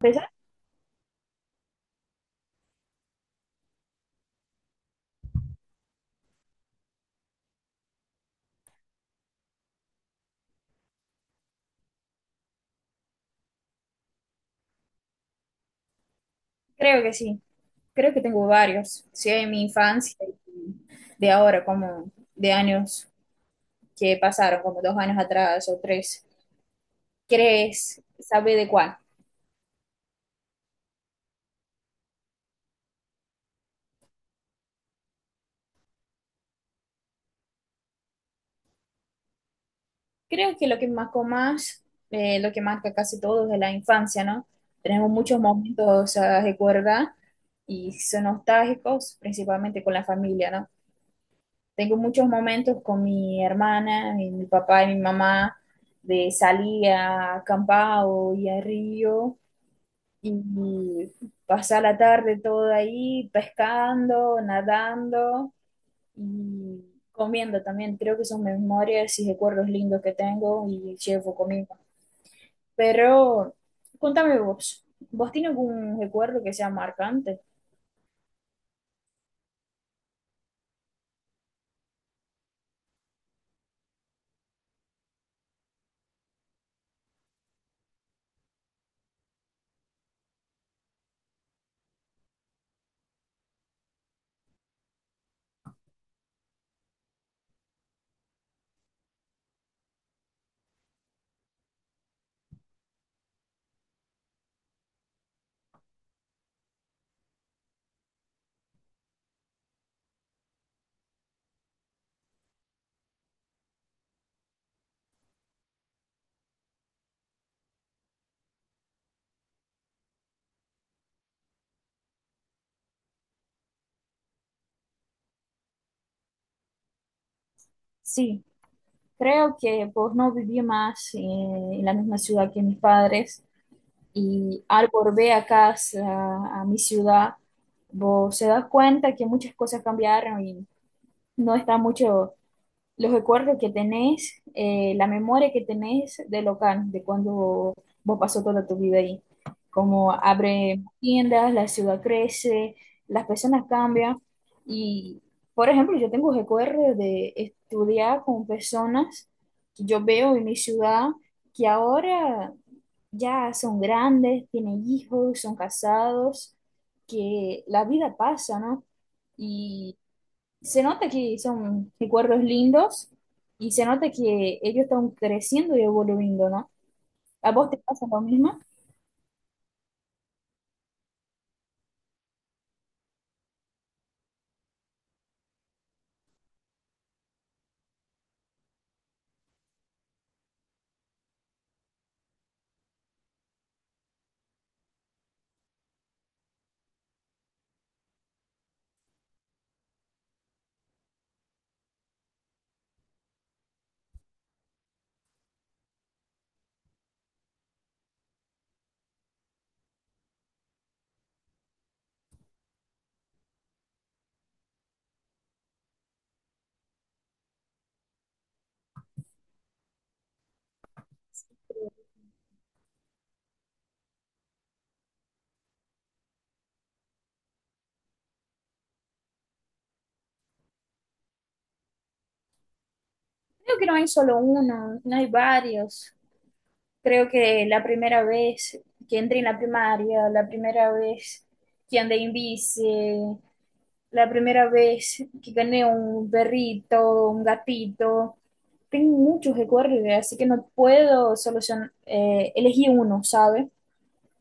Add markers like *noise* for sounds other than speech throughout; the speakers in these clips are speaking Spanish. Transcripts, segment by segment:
¿Pesas? Creo que sí. Creo que tengo varios. Sí, de mi infancia y de ahora, como de años que pasaron, como 2 años atrás o 3. ¿Crees sabe de cuál? Creo que lo que marcó más, lo que marca casi todo de la infancia, ¿no? Tenemos muchos momentos a recordar y son nostálgicos, principalmente con la familia, ¿no? Tengo muchos momentos con mi hermana, y mi papá y mi mamá, de salir a acampar o ir al río y pasar la tarde todo ahí pescando, nadando y comiendo también. Creo que son memorias y recuerdos lindos que tengo y llevo conmigo. Pero contame vos, ¿vos tienes algún recuerdo que sea marcante? Sí, creo que pues no viví más en la misma ciudad que mis padres y al volver a casa, a mi ciudad, vos se das cuenta que muchas cosas cambiaron y no está mucho los recuerdos que tenés, la memoria que tenés de local, de cuando vos pasó toda tu vida ahí. Como abre tiendas, la ciudad crece, las personas cambian. Y, por ejemplo, yo tengo recuerdos de estudiar con personas que yo veo en mi ciudad que ahora ya son grandes, tienen hijos, son casados, que la vida pasa, ¿no? Y se nota que son recuerdos lindos y se nota que ellos están creciendo y evolucionando, ¿no? ¿A vos te pasa lo mismo? Creo que no hay solo uno, no hay varios. Creo que la primera vez que entré en la primaria, la primera vez que andé en bici, la primera vez que gané un perrito, un gatito. Tengo muchos recuerdos, así que no puedo solucionar, elegir uno, ¿sabes?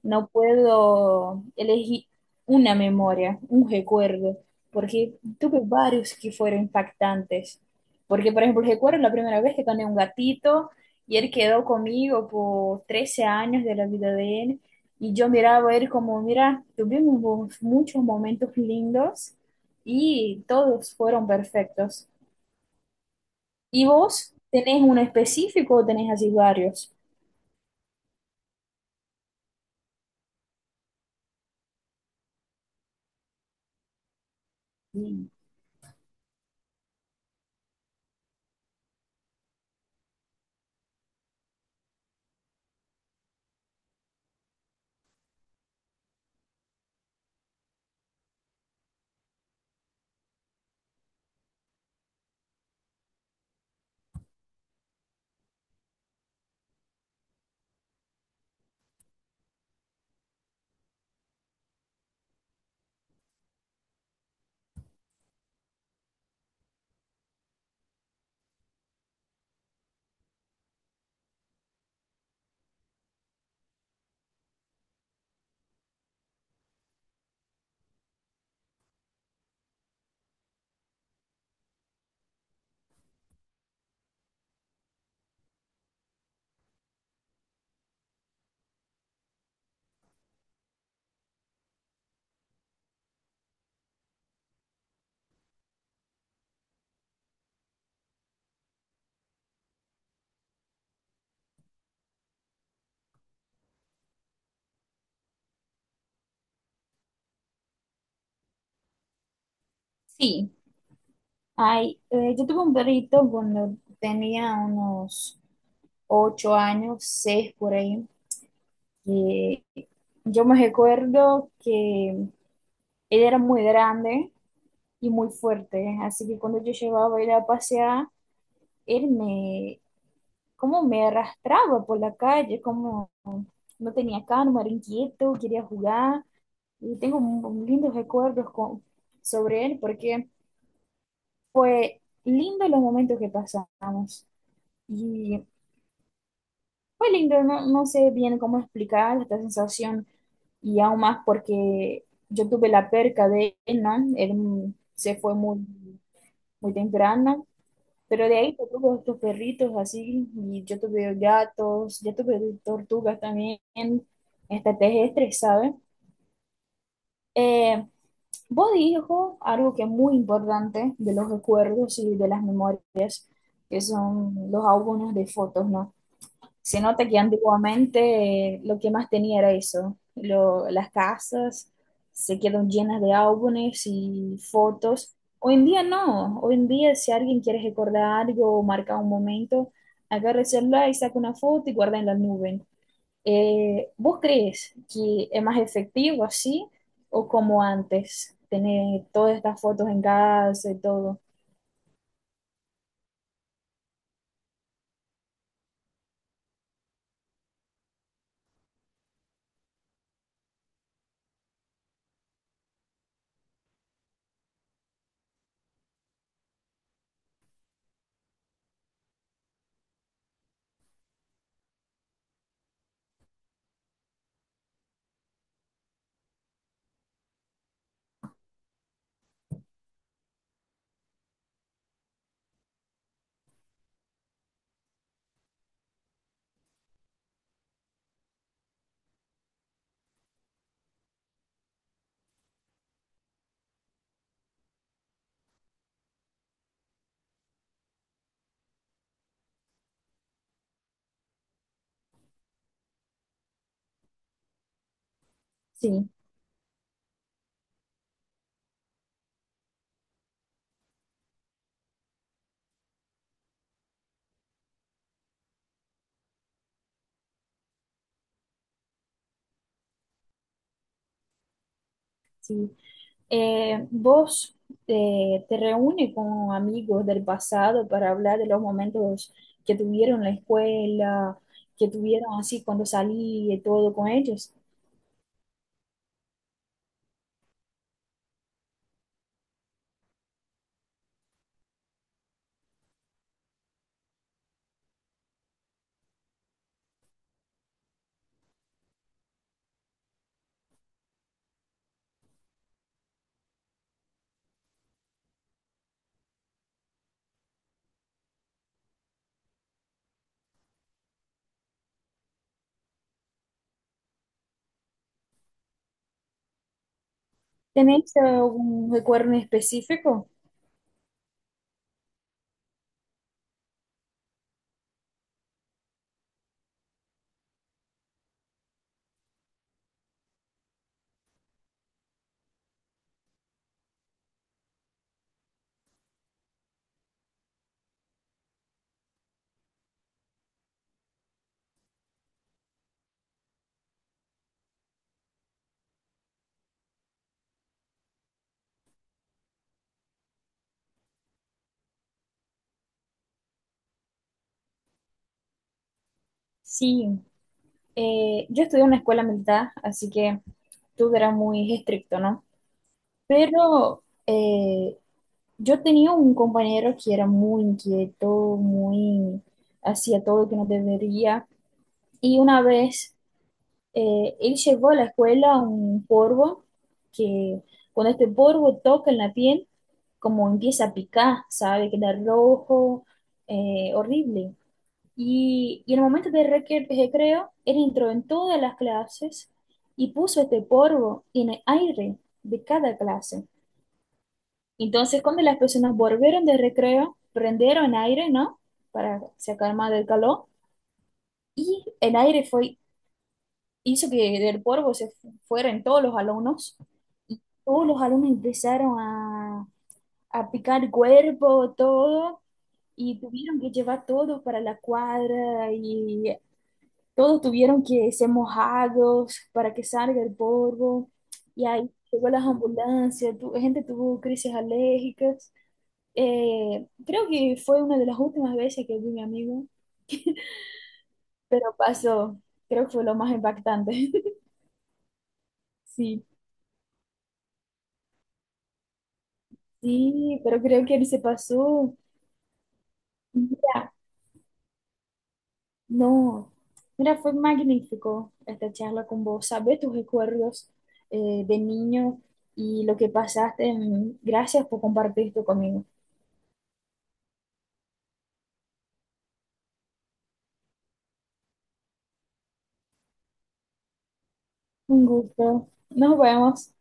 No puedo elegir una memoria, un recuerdo, porque tuve varios que fueron impactantes. Porque, por ejemplo, recuerdo la primera vez que gané un gatito y él quedó conmigo por 13 años de la vida de él. Y yo miraba a él como, mira, tuvimos muchos momentos lindos y todos fueron perfectos. ¿Y vos tenés uno específico o tenés así varios? Sí, sí. Ay, yo tuve un perrito cuando tenía unos 8 años, 6 por ahí. Y yo me recuerdo que él era muy grande y muy fuerte, así que cuando yo llevaba a ir a pasear, él me, como me arrastraba por la calle, como no tenía calma, era inquieto, quería jugar. Y tengo lindos recuerdos sobre él porque fue lindo los momentos que pasamos. Fue lindo, no, no sé bien cómo explicar esta sensación y aún más porque yo tuve la perca de él, ¿no? Él se fue muy, muy temprano, pero de ahí yo tuve otros perritos así y yo tuve gatos, yo tuve tortugas también, hasta terrestres, ¿sabes? Eh, vos dijo algo que es muy importante de los recuerdos y de las memorias, que son los álbumes de fotos, ¿no? Se nota que antiguamente lo que más tenía era eso. Las casas se quedan llenas de álbumes y fotos. Hoy en día no. Hoy en día si alguien quiere recordar algo o marcar un momento, agarra el celular y saca una foto y guarda en la nube. ¿Vos crees que es más efectivo así o como antes? Tener todas estas fotos en casa y todo. Sí, sí. ¿Vos te reúnes con amigos del pasado para hablar de los momentos que tuvieron en la escuela, que tuvieron así cuando salí y todo con ellos? ¿Tenéis algún recuerdo en específico? Sí, yo estudié en una escuela militar, así que todo era muy estricto, ¿no? Pero yo tenía un compañero que era muy inquieto, muy hacía todo que no debería. Y una vez, él llevó a la escuela un polvo que cuando este polvo toca en la piel, como empieza a picar, ¿sabe? Queda rojo, horrible. Y en el momento de recreo, él entró en todas las clases y puso este polvo en el aire de cada clase. Entonces, cuando las personas volvieron de recreo, prendieron aire, ¿no? Para sacar más del calor. Y el aire fue hizo que del polvo se fueran todos los alumnos. Y todos los alumnos empezaron a picar cuerpo, todo, y tuvieron que llevar todos para la cuadra y todos tuvieron que ser mojados para que salga el polvo. Y ahí llegó las ambulancias, gente tuvo crisis alérgicas. Creo que fue una de las últimas veces que vi a mi amigo, pero pasó, creo que fue lo más impactante. *laughs* Sí. Sí, pero creo que él se pasó. Mira, no. Mira, fue magnífico esta charla con vos. Sabés tus recuerdos de niño y lo que pasaste. Gracias por compartir esto conmigo. Un gusto. Nos vemos.